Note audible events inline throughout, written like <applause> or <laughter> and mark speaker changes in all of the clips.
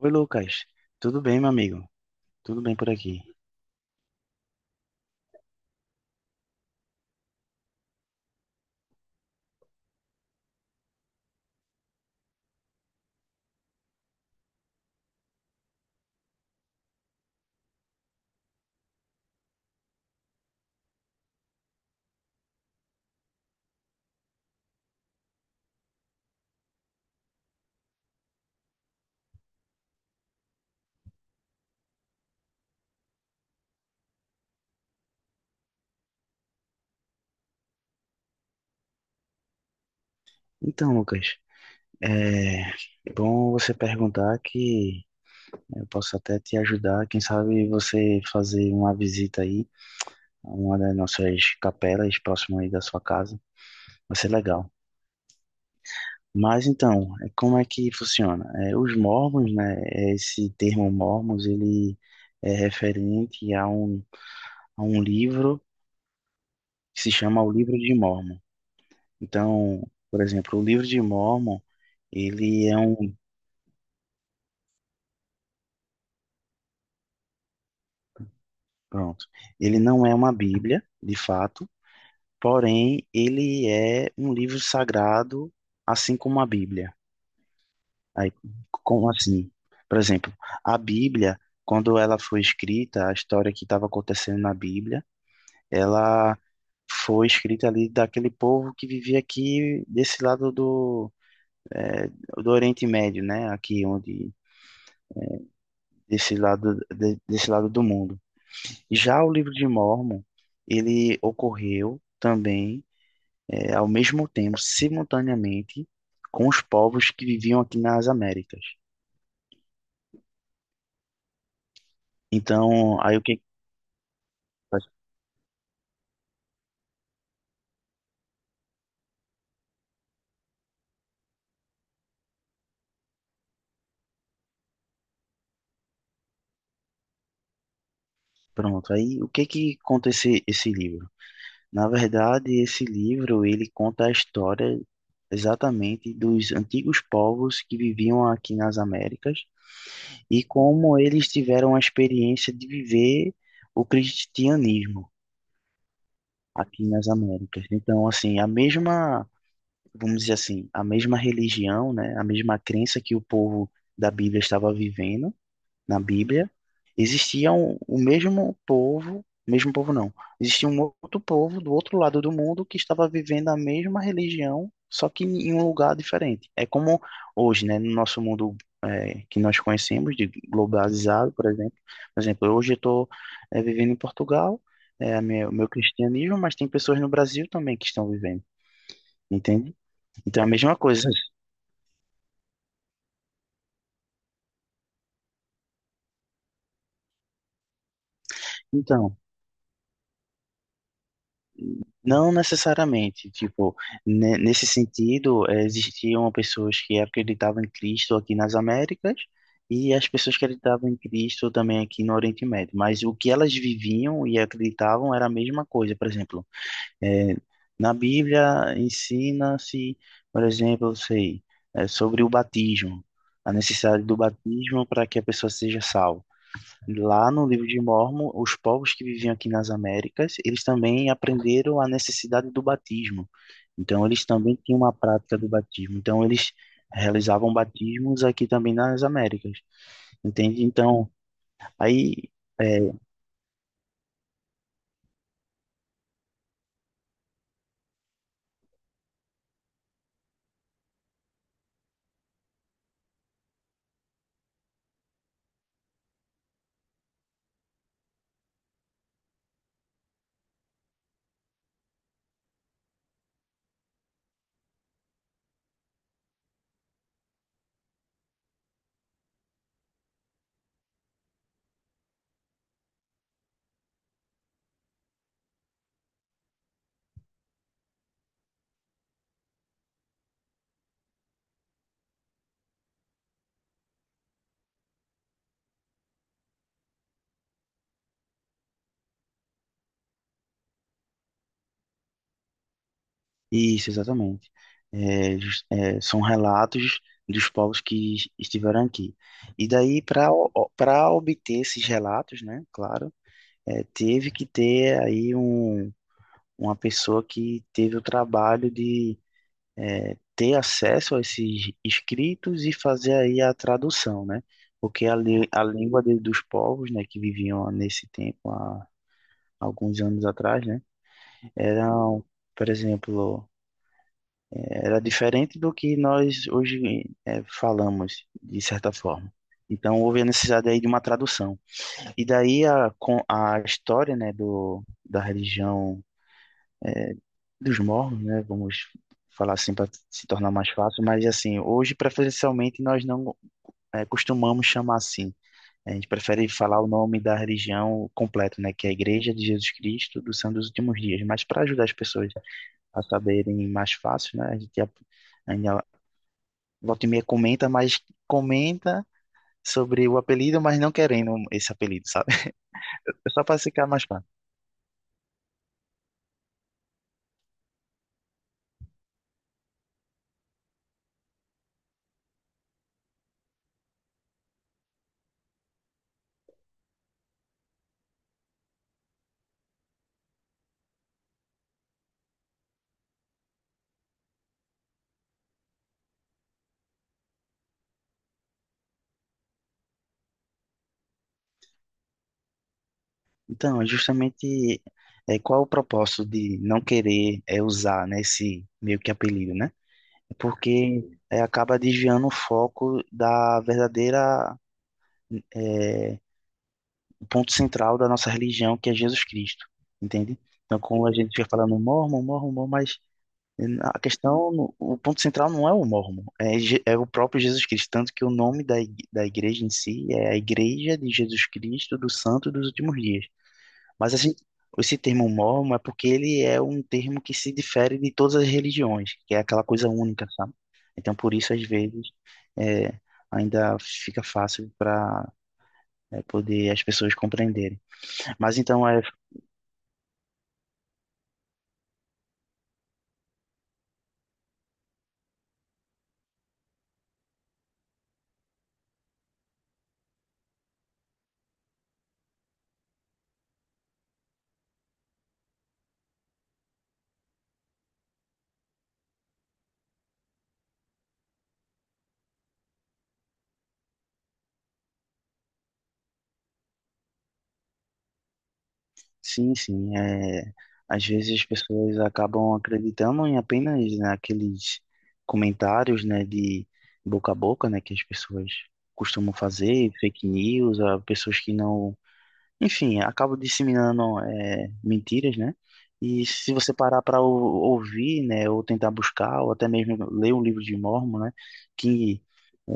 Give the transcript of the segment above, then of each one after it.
Speaker 1: Oi, Lucas. Tudo bem, meu amigo? Tudo bem por aqui. Então, Lucas, é bom você perguntar que eu posso até te ajudar. Quem sabe você fazer uma visita aí a uma das nossas capelas próximo aí da sua casa. Vai ser legal. Mas então, como é que funciona? Os mormons, né? Esse termo mormons, ele é referente a um livro que se chama o Livro de Mormon. Então, por exemplo, o Livro de Mormon. Ele é um, Pronto. Ele não é uma Bíblia, de fato, porém ele é um livro sagrado, assim como a Bíblia. Aí, como assim? Por exemplo, a Bíblia, quando ela foi escrita, a história que estava acontecendo na Bíblia, ela foi escrita ali daquele povo que vivia aqui desse lado eh, do Oriente Médio, né? Aqui onde desse lado do mundo. Já o livro de Mórmon, ele ocorreu também ao mesmo tempo, simultaneamente, com os povos que viviam aqui nas Américas. Então, aí o que que conta esse livro? Na verdade, esse livro ele conta a história exatamente dos antigos povos que viviam aqui nas Américas e como eles tiveram a experiência de viver o cristianismo aqui nas Américas. Então, assim, a mesma vamos dizer assim, a mesma religião, né, a mesma crença que o povo da Bíblia estava vivendo na Bíblia, existia o mesmo povo não, existia um outro povo do outro lado do mundo que estava vivendo a mesma religião, só que em um lugar diferente. É como hoje, né, no nosso mundo que nós conhecemos, de globalizado, por exemplo. Por exemplo, hoje eu estou vivendo em Portugal, o meu cristianismo, mas tem pessoas no Brasil também que estão vivendo, entende? Então, é a mesma coisa. Então, não necessariamente, tipo, nesse sentido, existiam pessoas que acreditavam em Cristo aqui nas Américas e as pessoas que acreditavam em Cristo também aqui no Oriente Médio. Mas o que elas viviam e acreditavam era a mesma coisa. Por exemplo, eh, na Bíblia ensina-se, por exemplo, sei, sobre o batismo, a necessidade do batismo para que a pessoa seja salva. Lá no livro de Mórmon, os povos que viviam aqui nas Américas, eles também aprenderam a necessidade do batismo. Então, eles também tinham uma prática do batismo. Então, eles realizavam batismos aqui também nas Américas, entende? Então, aí, é, isso, exatamente. São relatos dos povos que estiveram aqui. E daí, para obter esses relatos, né, claro, teve que ter aí uma pessoa que teve o trabalho de ter acesso a esses escritos e fazer aí a tradução, né? Porque a língua dos povos, né, que viviam nesse tempo, há alguns anos atrás, né, eram, por exemplo, era diferente do que nós hoje falamos, de certa forma. Então, houve a necessidade aí de uma tradução. E daí com a história, né, da religião dos mormons, né? Vamos falar assim para se tornar mais fácil, mas assim, hoje preferencialmente nós não costumamos chamar assim. A gente prefere falar o nome da religião completo, né? Que é a Igreja de Jesus Cristo dos Santos dos Últimos Dias. Mas para ajudar as pessoas a saberem mais fácil, né? A gente ainda volta e meia comenta sobre o apelido, mas não querendo esse apelido, sabe? <laughs> Só para ficar mais. Então, é justamente, qual o propósito de não querer, usar, né, esse meio que apelido, né? Porque, acaba desviando o foco da é, o ponto central da nossa religião, que é Jesus Cristo, entende? Então, como a gente fica falando mormon, mormon, mormon, mas, a questão, o ponto central não é o mormon, é o próprio Jesus Cristo, tanto que o nome da igreja em si é a Igreja de Jesus Cristo dos Santos dos Últimos Dias. Mas assim, esse termo mormon é porque ele é um termo que se difere de todas as religiões, que é aquela coisa única, sabe? Então, por isso, às vezes, é, ainda fica fácil para poder as pessoas compreenderem. Mas então, é, sim, sim, às vezes as pessoas acabam acreditando em apenas, né, aqueles comentários, né, de boca a boca, né, que as pessoas costumam fazer, fake news, ah, pessoas que não. Enfim, acabam disseminando, mentiras, né? E se você parar para ouvir, né, ou tentar buscar, ou até mesmo ler um livro de Mormon, né, que,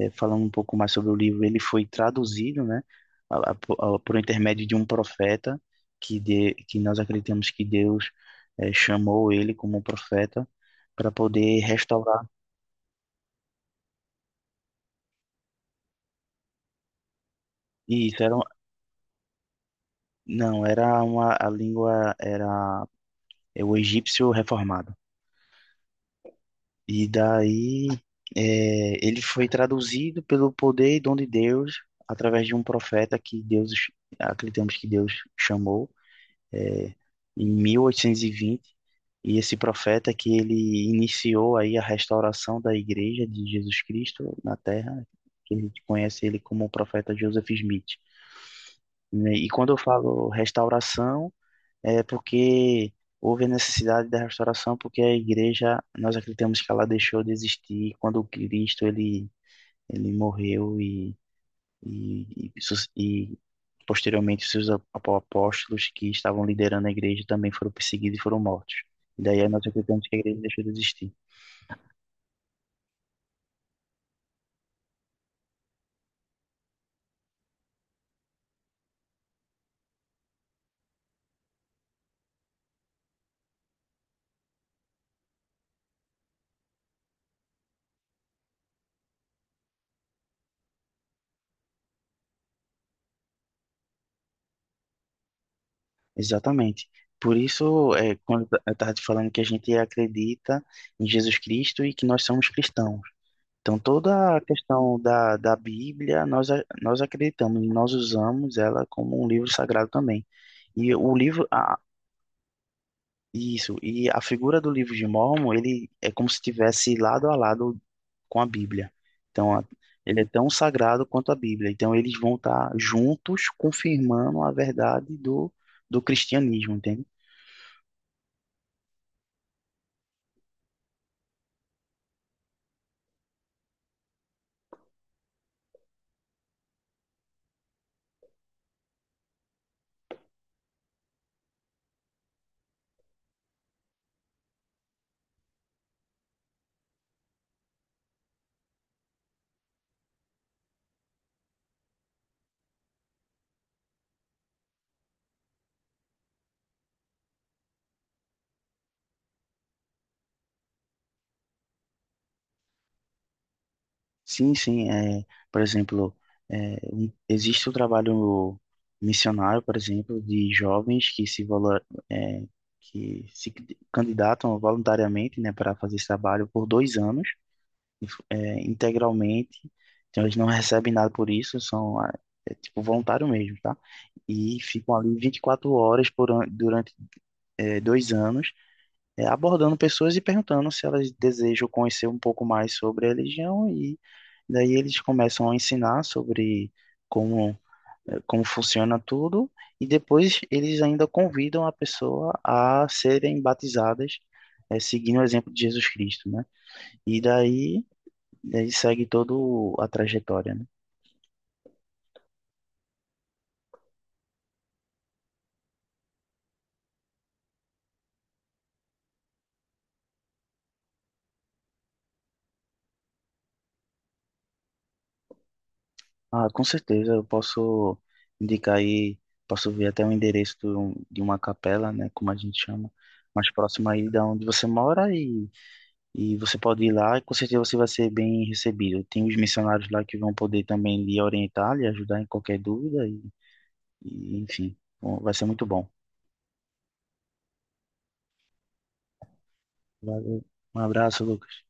Speaker 1: falando um pouco mais sobre o livro, ele foi traduzido, né, por intermédio de um profeta, que nós acreditamos que Deus, chamou ele como profeta para poder restaurar. E isso era, não, era uma, a língua era o egípcio reformado. E daí, ele foi traduzido pelo poder e dom de Deus através de um profeta que Deus, acreditamos que Deus chamou, é, em 1820. E vinte. E esse profeta que ele iniciou aí a restauração da igreja de Jesus Cristo na Terra, que a gente conhece ele como o profeta Joseph Smith. Né? E quando eu falo restauração, é porque houve a necessidade da restauração, porque a igreja, nós acreditamos que ela deixou de existir quando o Cristo ele morreu e, e posteriormente os seus apóstolos que estavam liderando a igreja também foram perseguidos e foram mortos. E daí nós acreditamos que a igreja deixou de existir. Exatamente. Por isso, quando eu estava te falando que a gente acredita em Jesus Cristo e que nós somos cristãos. Então, toda a questão da Bíblia, nós acreditamos, nós usamos ela como um livro sagrado também. E isso, e a figura do livro de Mórmon, ele é como se estivesse lado a lado com a Bíblia. Então, ele é tão sagrado quanto a Bíblia. Então, eles vão estar juntos confirmando a verdade do cristianismo, entende? Sim, sim. Por exemplo, existe o trabalho missionário, por exemplo, de jovens que se é, que se candidatam voluntariamente, né, para fazer esse trabalho por 2 anos, integralmente. Então eles não recebem nada por isso, são, ah, tipo voluntário mesmo, tá? E ficam ali 24 horas durante, 2 anos, abordando pessoas e perguntando se elas desejam conhecer um pouco mais sobre a religião e daí eles começam a ensinar sobre como como funciona tudo e depois eles ainda convidam a pessoa a serem batizadas, seguindo o exemplo de Jesus Cristo, né? E daí ele segue todo a trajetória, né? Ah, com certeza eu posso indicar aí, posso ver até o endereço de uma capela, né, como a gente chama, mais próxima aí da onde você mora. E você pode ir lá e com certeza você vai ser bem recebido. Tem os missionários lá que vão poder também lhe orientar, lhe ajudar em qualquer dúvida e enfim, bom, vai ser muito bom. Valeu. Um abraço, Lucas.